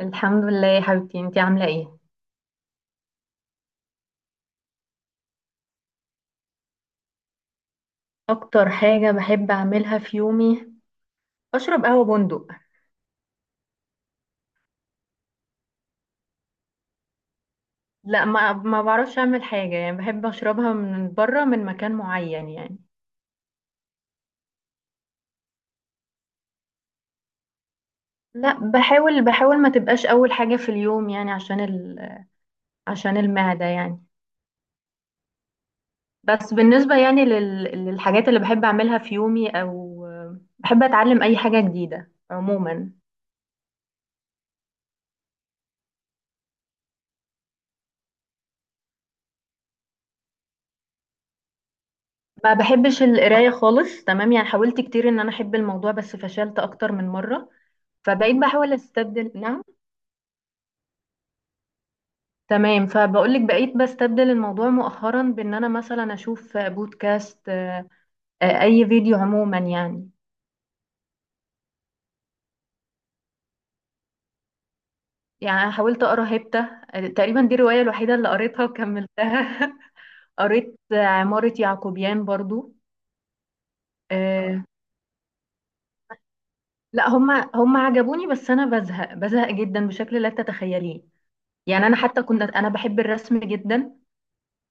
الحمد لله يا حبيبتي انتي عاملة ايه؟ اكتر حاجة بحب اعملها في يومي. اشرب قهوة بندق. لا، ما بعرفش اعمل حاجة، يعني بحب اشربها من بره، من مكان معين يعني. لا، بحاول ما تبقاش اول حاجة في اليوم، يعني عشان عشان المعدة يعني. بس بالنسبة يعني للحاجات اللي بحب اعملها في يومي، او بحب اتعلم اي حاجة جديدة عموما. ما بحبش القراية خالص، تمام يعني، حاولت كتير ان انا احب الموضوع بس فشلت اكتر من مرة. فبقيت بحاول استبدل، نعم، تمام، فبقولك بقيت بستبدل الموضوع مؤخرا بان انا مثلا اشوف بودكاست، اي فيديو عموما يعني. يعني أنا حاولت اقرا هبته، تقريبا دي الروايه الوحيده اللي قريتها وكملتها. قريت، عماره يعقوبيان برضو، آه، لا هم عجبوني، بس انا بزهق جدا بشكل لا تتخيليه. يعني انا حتى كنت انا بحب الرسم جدا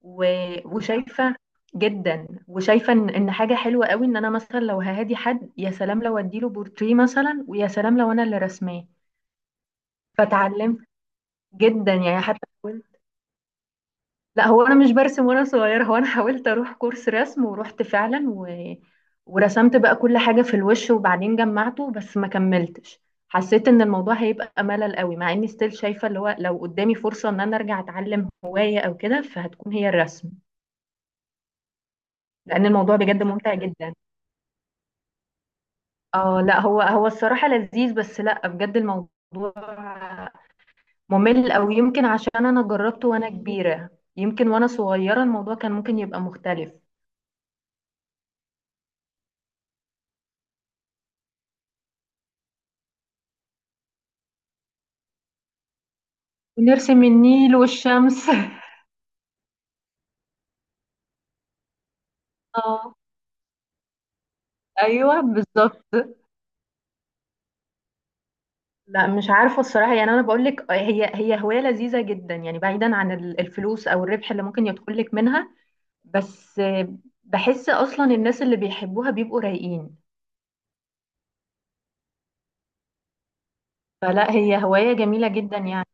و... وشايفه، جدا وشايفه ان حاجه حلوه قوي ان انا مثلا لو ههادي حد، يا سلام لو اديله بورتريه مثلا، ويا سلام لو انا اللي رسماه. فتعلمت، جدا يعني حتى حاولت. لا، هو انا مش برسم وانا صغيره، هو انا حاولت اروح كورس رسم ورحت فعلا ورسمت بقى كل حاجه في الوش وبعدين جمعته، بس ما كملتش. حسيت ان الموضوع هيبقى ملل قوي، مع اني ستيل شايفه، اللي هو لو قدامي فرصه ان انا ارجع اتعلم هوايه او كده، فهتكون هي الرسم. لان الموضوع بجد ممتع جدا. اه لا، هو الصراحة لذيذ، بس لا، بجد الموضوع ممل، او يمكن عشان انا جربته وانا كبيرة. يمكن وانا صغيرة الموضوع كان ممكن يبقى مختلف. ونرسم النيل والشمس. اه ايوه بالظبط. لا مش عارفة الصراحة، يعني انا بقول لك هي هواية لذيذة جدا يعني، بعيدا عن الفلوس او الربح اللي ممكن يدخل لك منها. بس، بحس اصلا الناس اللي بيحبوها بيبقوا رايقين. فلا، هي هواية جميلة جدا يعني.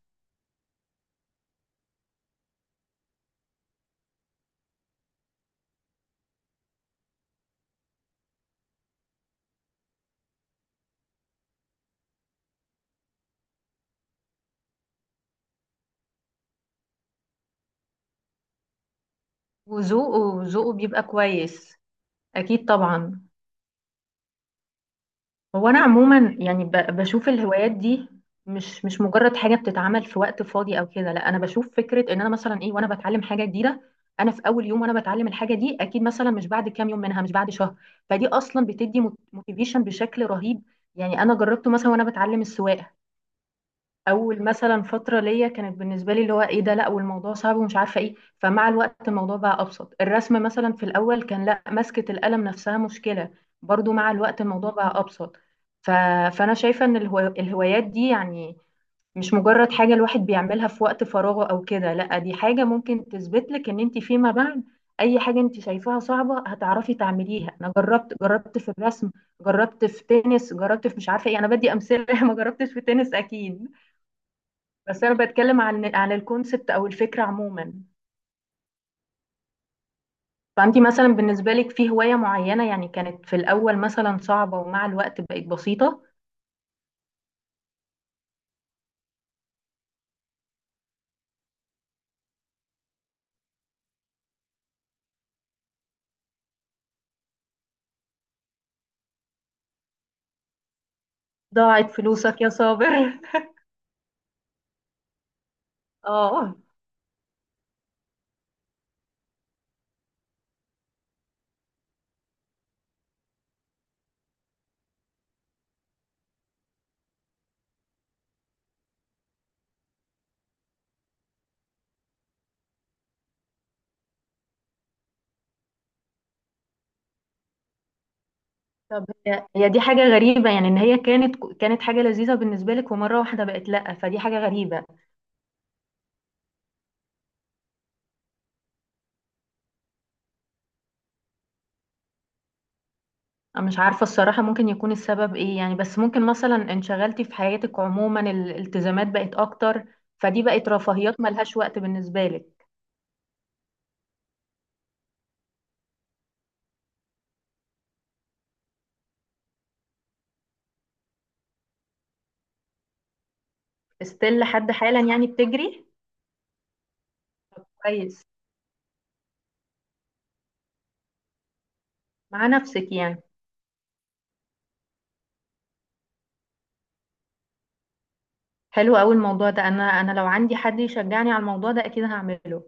وذوقه بيبقى كويس. أكيد طبعا. هو أنا عموما يعني بشوف الهوايات دي، مش مجرد حاجة بتتعمل في وقت فاضي أو كده، لا أنا بشوف فكرة إن أنا مثلا، إيه، وأنا بتعلم حاجة جديدة. أنا في أول يوم وأنا بتعلم الحاجة دي أكيد، مثلا مش بعد كام يوم منها، مش بعد شهر. فدي أصلا بتدي موتيفيشن بشكل رهيب. يعني أنا جربته مثلا وأنا بتعلم السواقة. اول مثلا فتره ليا كانت بالنسبه لي اللي هو ايه ده، لا والموضوع صعب ومش عارفه ايه، فمع الوقت الموضوع بقى ابسط. الرسم مثلا في الاول كان، لا، مسكه القلم نفسها مشكله. برضو مع الوقت الموضوع بقى ابسط. ف... فانا شايفه ان الهوايات دي يعني مش مجرد حاجه الواحد بيعملها في وقت فراغه او كده، لا دي حاجه ممكن تثبت لك ان انت فيما بعد اي حاجه انت شايفاها صعبه هتعرفي تعمليها. انا جربت في الرسم، جربت في تنس، جربت في مش عارفه ايه، انا بدي امثله. ما جربتش في تنس اكيد. بس انا بتكلم عن الكونسبت او الفكره عموما. فانت مثلا بالنسبه لك في هوايه معينه، يعني كانت في الاول مثلا صعبه ومع الوقت بقت بسيطه؟ ضاعت فلوسك يا صابر. اه، طب هي دي حاجه غريبه، يعني ان هي كانت حاجه لذيذه بالنسبه لك، ومره واحده بقت لا، فدي حاجه غريبه. انا مش عارفه الصراحه ممكن يكون السبب ايه يعني، بس ممكن مثلا انشغلتي في حياتك عموما، الالتزامات بقت اكتر. فدي بقت رفاهيات ملهاش وقت بالنسبه لك. استيل لحد حالا يعني بتجري؟ كويس، مع نفسك يعني. حلو قوي الموضوع ده، انا لو عندي حد يشجعني على الموضوع ده اكيد هعمله.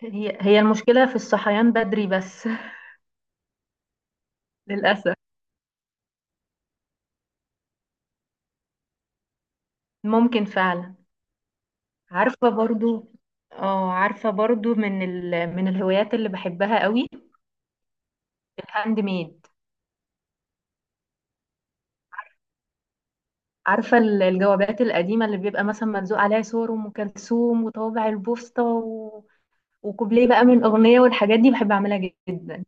هي المشكلة في الصحيان بدري بس. للأسف. ممكن فعلا. عارفة برضو. اه، عارفة برضو، من من الهوايات اللي بحبها قوي، الهاند ميد. عارفة الجوابات القديمة اللي بيبقى مثلا ملزوق عليها صور أم كلثوم وطوابع البوسطة وكوبليه بقى من أغنية، والحاجات دي بحب أعملها جدا.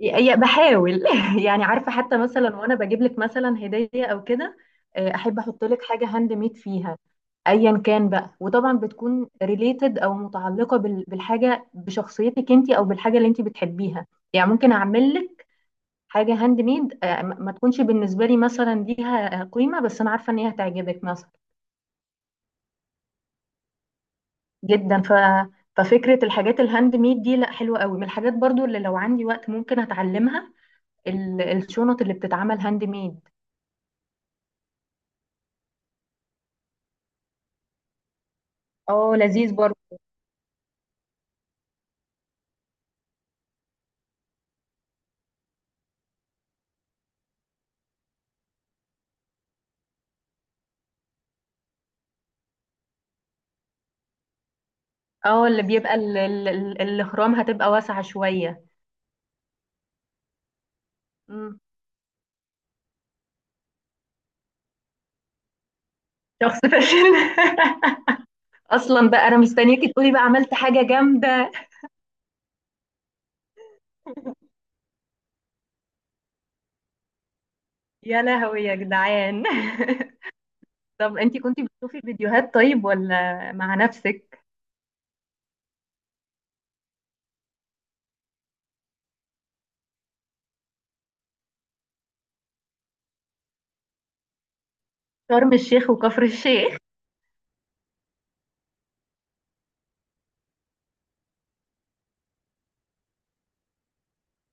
بحاول. يعني عارفه حتى مثلا وانا بجيب لك مثلا هديه او كده، احب احط لك حاجه هاند ميد فيها، ايا كان بقى، وطبعا بتكون ريليتد او متعلقه بالحاجه، بشخصيتك انت او بالحاجه اللي انت بتحبيها. يعني ممكن اعمل لك حاجه هاند ميد، ما تكونش بالنسبه لي مثلا ليها قيمه، بس انا عارفه ان هي هتعجبك مثلا جدا. ففكره الحاجات الهاند ميد دي، لا حلوه قوي، من الحاجات برضو اللي لو عندي وقت ممكن اتعلمها، الشنط اللي بتتعمل هاند ميد. اه، لذيذ برضه. اه، اللي بيبقى الاهرام هتبقى واسعة شوية. امم. شخص فاشل. اصلا بقى انا مستنياكي تقولي بقى عملت حاجة جامدة. يا لهوي يا جدعان. طب انتي كنتي بتشوفي فيديوهات طيب، ولا مع نفسك؟ شرم الشيخ وكفر الشيخ.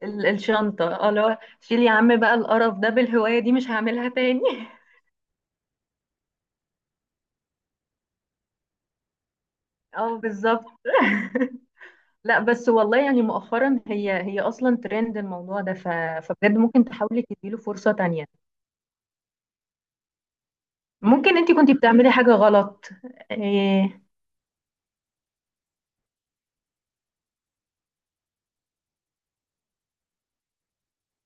الشنطة. اه لا، شيلي يا عم بقى القرف ده، بالهواية دي مش هعملها تاني. اه بالظبط. لا بس والله يعني مؤخرا هي اصلا ترند الموضوع ده، فبجد ممكن تحاولي تديله فرصة تانية. ممكن انت كنتي بتعملي حاجة غلط. إيه...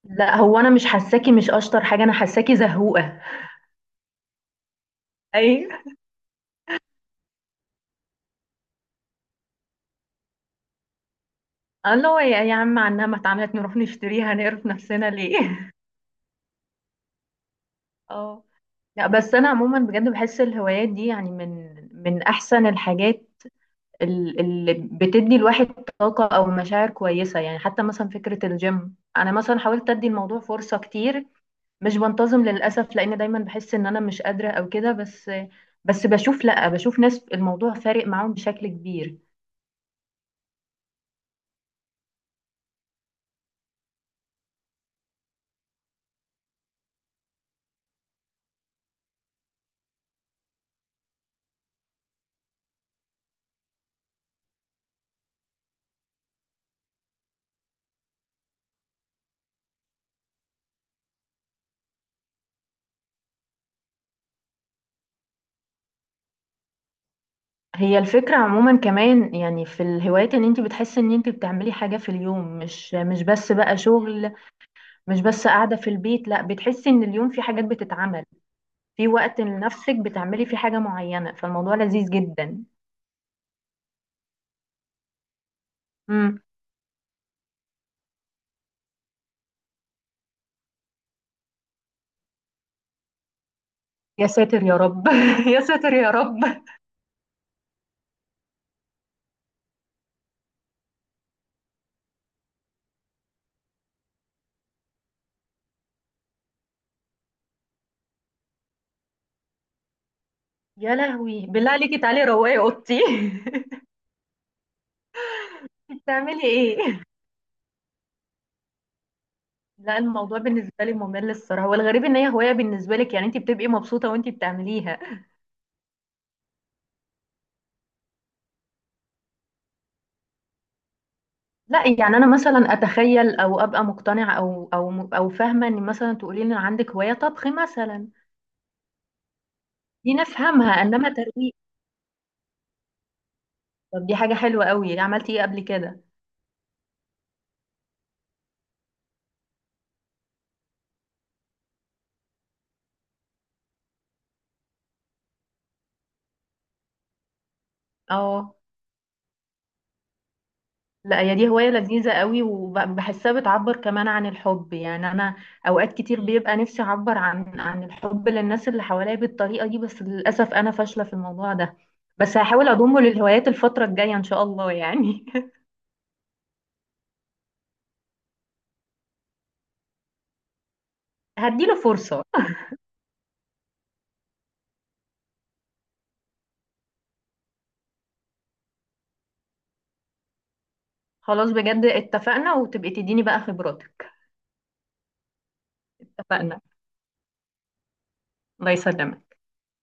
لا، هو انا مش حاساكي مش اشطر حاجة، انا حاساكي زهوقة. اي. الله هو، يا عم عنها ما اتعملت نروح نشتريها نقرف نفسنا ليه؟ اه لا بس انا عموما بجد بحس الهوايات دي يعني من احسن الحاجات، اللي بتدي الواحد طاقة او مشاعر كويسة. يعني حتى مثلا فكرة الجيم، انا مثلا حاولت ادي الموضوع فرصة كتير، مش بنتظم للأسف لأن دايما بحس إن أنا مش قادرة أو كده، بس بشوف، لأ، بشوف ناس الموضوع فارق معاهم بشكل كبير. هي الفكرة عموما كمان يعني في الهوايات، إن أنت بتحسي إن أنت بتعملي حاجة في اليوم، مش بس بقى شغل، مش بس قاعدة في البيت، لأ بتحسي إن اليوم في حاجات بتتعمل، في وقت لنفسك بتعملي فيه حاجة معينة، فالموضوع لذيذ جدا. امم. يا ساتر يا رب. يا ساتر يا رب. يا لهوي، بالله عليكي تعالي روقي اوضتي. بتعملي ايه؟ لا، الموضوع بالنسبه لي ممل الصراحه، والغريب ان هي هوايه بالنسبه لك، يعني انت بتبقي مبسوطه وانت بتعمليها. لا يعني انا مثلا اتخيل او ابقى مقتنعه او فاهمه ان مثلا تقولي لي ان عندك هوايه طبخ مثلا. دي نفهمها، انما ترويج. طب دي حاجه حلوه قوي، عملتي ايه قبل كده؟ اه لا، هي دي هواية لذيذة قوي، وبحسها بتعبر كمان عن الحب يعني. أنا أوقات كتير بيبقى نفسي أعبر عن الحب للناس اللي حواليا بالطريقة دي، بس للأسف أنا فاشلة في الموضوع ده. بس هحاول أضمه للهوايات الفترة الجاية إن شاء الله يعني. هديله فرصة. خلاص، بجد اتفقنا، وتبقي تديني بقى خبراتك. اتفقنا. الله يسلمك.